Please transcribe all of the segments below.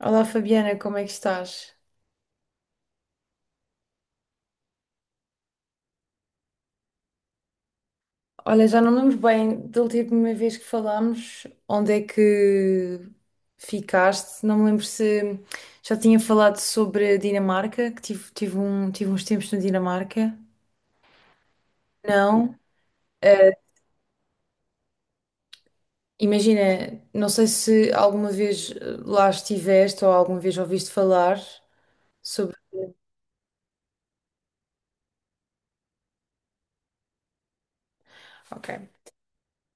Olá Fabiana, como é que estás? Olha, já não me lembro bem da última vez que falámos, onde é que ficaste? Não me lembro se já tinha falado sobre a Dinamarca, que tive uns tempos na Dinamarca. Não. Eh, imagina, não sei se alguma vez lá estiveste ou alguma vez ouviste falar sobre. Ok.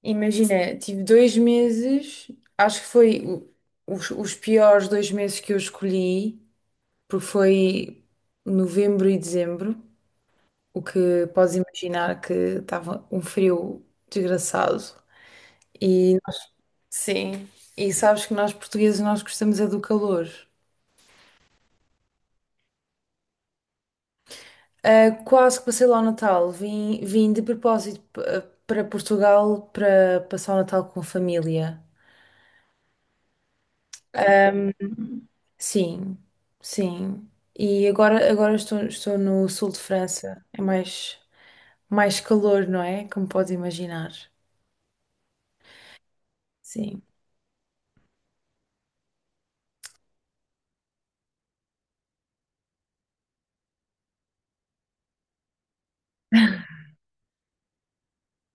Imagina, tive 2 meses, acho que foi os piores 2 meses que eu escolhi, porque foi novembro e dezembro, o que podes imaginar que estava um frio desgraçado. E sim, e sabes que nós portugueses nós gostamos é do calor. Ah, quase que passei lá o Natal, vim de propósito para Portugal para passar o Natal com a família. Sim, sim. E agora estou no sul de França, é mais calor, não é? Como podes imaginar. Sim.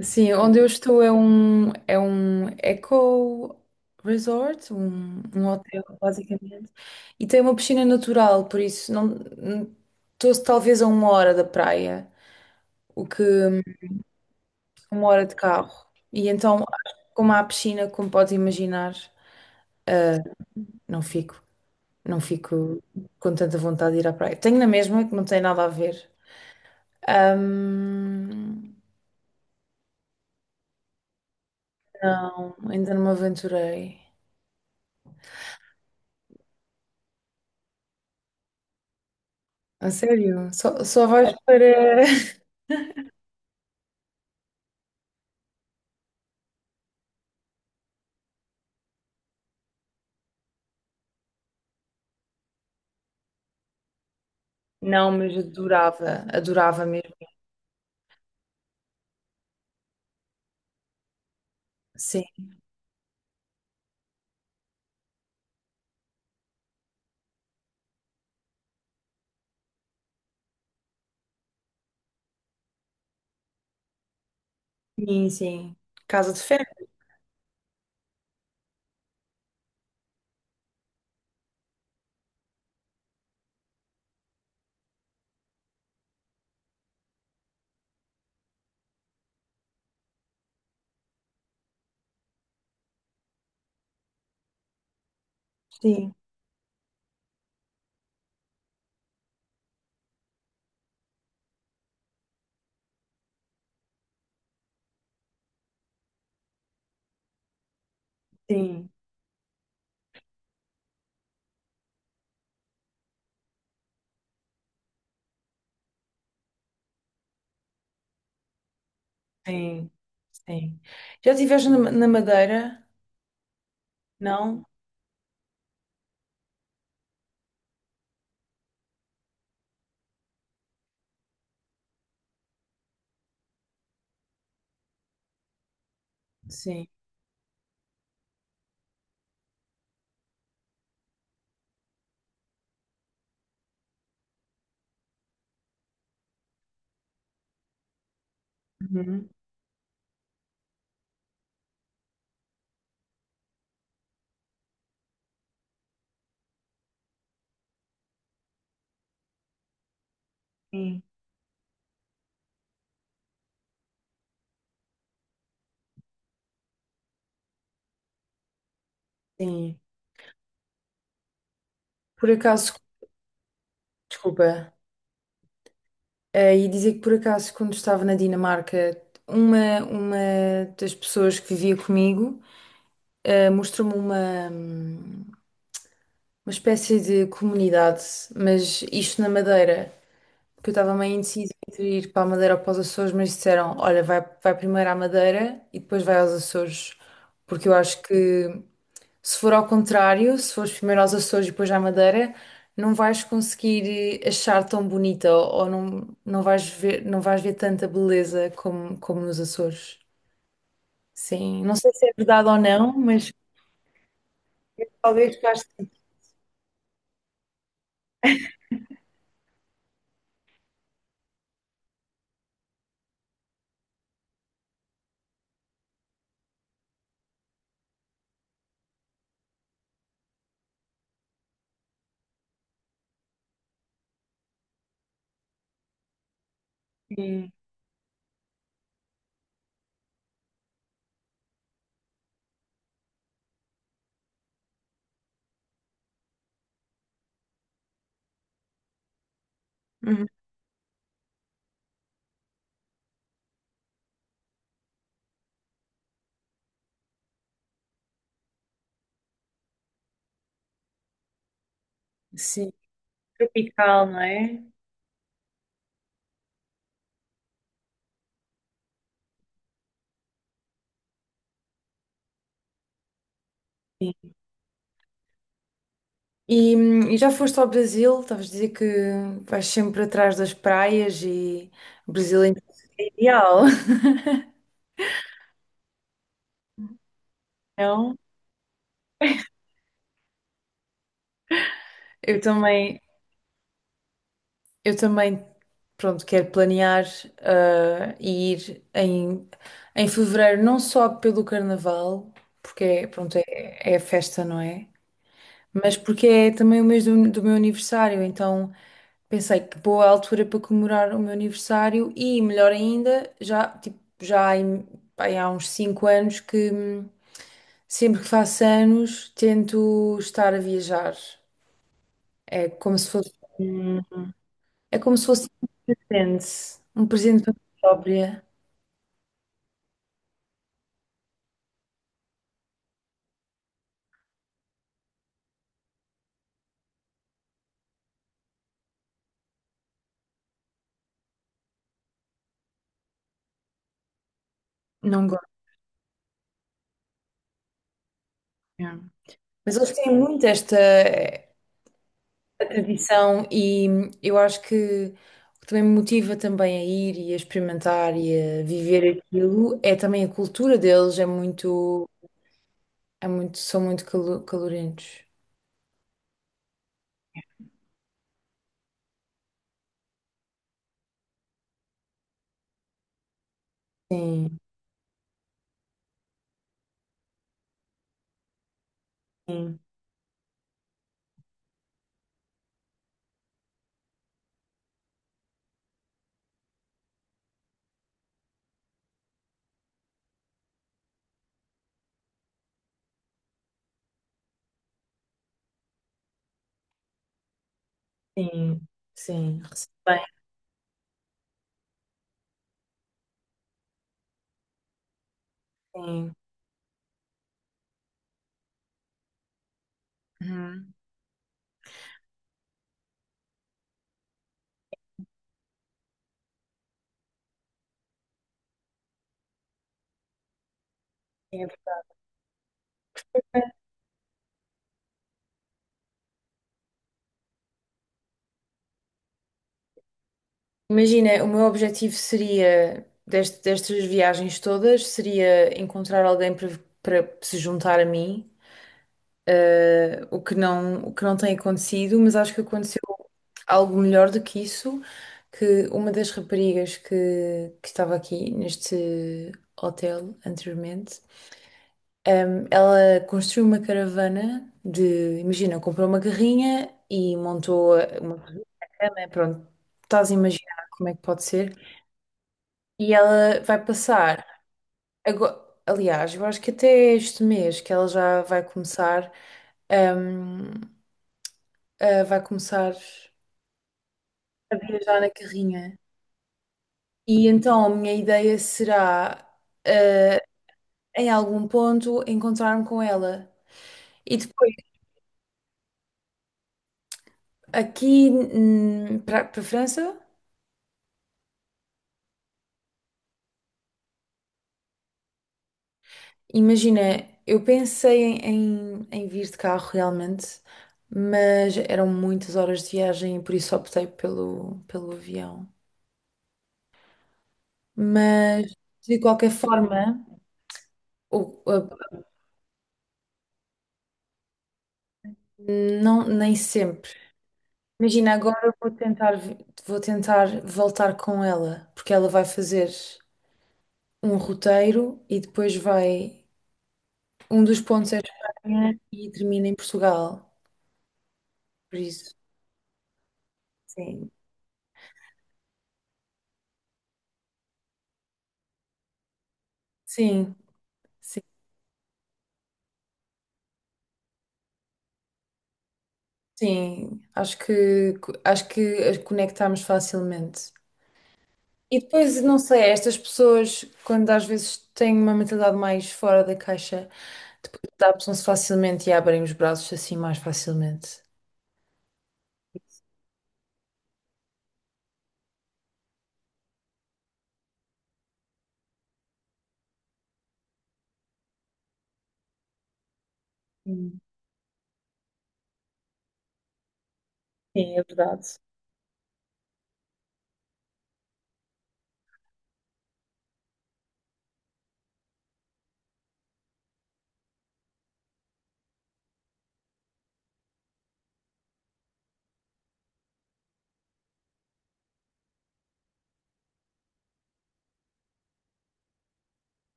Sim, onde eu estou é um eco resort, um hotel, basicamente, e tem uma piscina natural, por isso estou talvez a uma hora da praia, o que uma hora de carro. E então, como há piscina, como podes imaginar, não fico, não fico com tanta vontade de ir à praia. Tenho na mesma, que não tem nada a ver. Ahm, não, ainda não me aventurei. A sério? Só vais para. Não, mas adorava, adorava mesmo. Sim, sim, sim. Casa de férias? Sim, sim, sim, sim. Já estiveste na Madeira? Não? Sim. Uhum. Sim, sim. Por acaso, desculpa, ia dizer que por acaso, quando estava na Dinamarca, uma das pessoas que vivia comigo, mostrou-me uma espécie de comunidade, mas isto na Madeira, que eu estava meio indecisa entre ir para a Madeira ou para os Açores, mas disseram, olha, vai, vai primeiro à Madeira e depois vai aos Açores, porque eu acho que se for ao contrário, se fores primeiro aos Açores e depois à Madeira, não vais conseguir achar tão bonita ou não, não vais ver tanta beleza como nos Açores. Sim, não sei se é verdade ou não, mas talvez faça assim, uhum, sim, tropical, não é? Sim. E já foste ao Brasil? Estavas a dizer que vais sempre atrás das praias e o Brasil é ideal, não? Eu também, eu também, pronto, quero planear e ir em fevereiro, não só pelo carnaval, porque é, pronto, é a festa, não é? Mas porque é também o mês do meu aniversário, então pensei que boa altura para comemorar o meu aniversário e, melhor ainda, já, tipo, já há bem, há uns 5 anos que sempre que faço anos tento estar a viajar. É como se fosse, um- é como se fosse um presente para mim própria. Não gosto mesmo. Mas eles têm muito esta tradição e eu acho que o que também me motiva também a ir e a experimentar e a viver aquilo é também a cultura deles, é muito. É muito, são muito calorentos. Sim, sim, sim, sim. Recebo bem, sim. Uhum. Sim. Imagina, o meu objetivo seria, destas viagens todas, seria encontrar alguém para se juntar a mim, o que não tem acontecido, mas acho que aconteceu algo melhor do que isso, que uma das raparigas que estava aqui neste hotel anteriormente. Ela construiu uma caravana de, imagina, comprou uma carrinha e montou uma cama, pronto, estás a imaginar como é que pode ser. E ela vai passar, agora, aliás, eu acho que até este mês que ela já vai começar, ahm, vai começar a viajar na carrinha. E então a minha ideia será, ah, em algum ponto, encontrar-me com ela. E depois, aqui para a França. Imagina, eu pensei em vir de carro realmente, mas eram muitas horas de viagem e por isso optei pelo avião. Mas, de qualquer forma, o- a- não, nem sempre. Imagina, agora eu vou tentar, vou tentar voltar com ela, porque ela vai fazer um roteiro e depois vai. Um dos pontos é Espanha e termina em Portugal. Por isso, sim. Sim. Sim. Sim, acho que as conectamos facilmente. E depois, não sei, estas pessoas, quando às vezes têm uma mentalidade mais fora da caixa, depois adaptam-se facilmente e abrem os braços assim mais facilmente. Sim, sim, é verdade.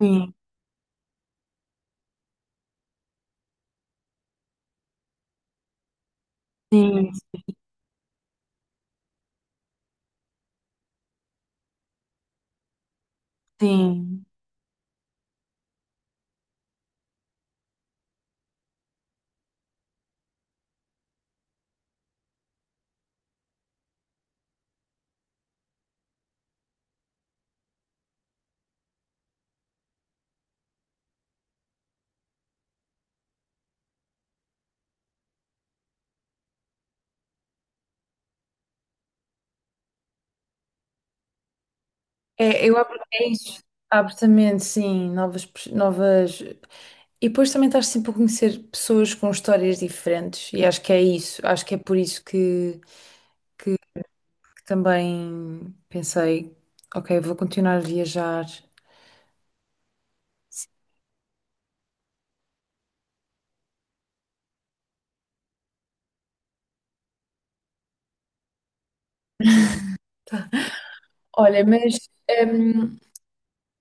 Sim, sim, sim. É, eu abro, é isso. Abro também, sim, novas, novas. E depois também estás sempre a conhecer pessoas com histórias diferentes, e acho que é isso, acho que é por isso que também pensei, ok, vou continuar a viajar. Olha, mas hum,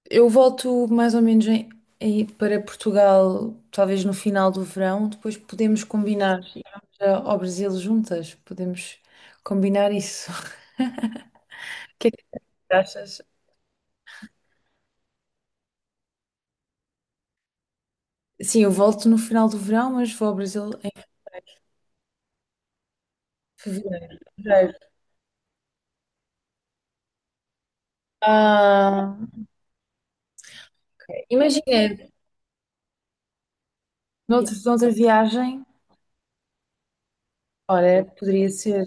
eu volto mais ou menos aí para Portugal, talvez no final do verão, depois podemos combinar e vamos ao Brasil juntas, podemos combinar isso. O que é que tu achas? Sim, eu volto no final do verão, mas vou ao Brasil em fevereiro. Fevereiro. Ah, imagina, noutra viagem, olha, poderia ser.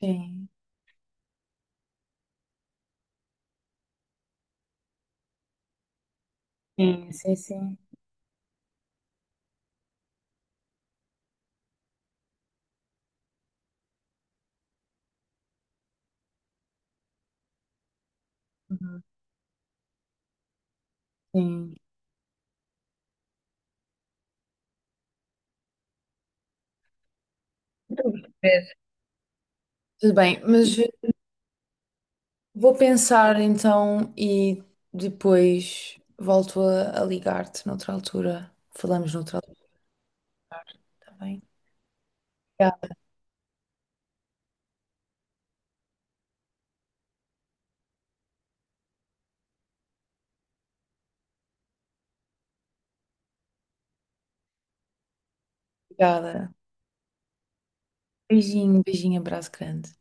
Sim, sim, sim, sim. Uhum, sim. Tudo bem, mas vou pensar então e depois volto a ligar-te noutra altura. Falamos noutra altura, tá bem? Obrigada. Beijinho, beijinho, abraço grande.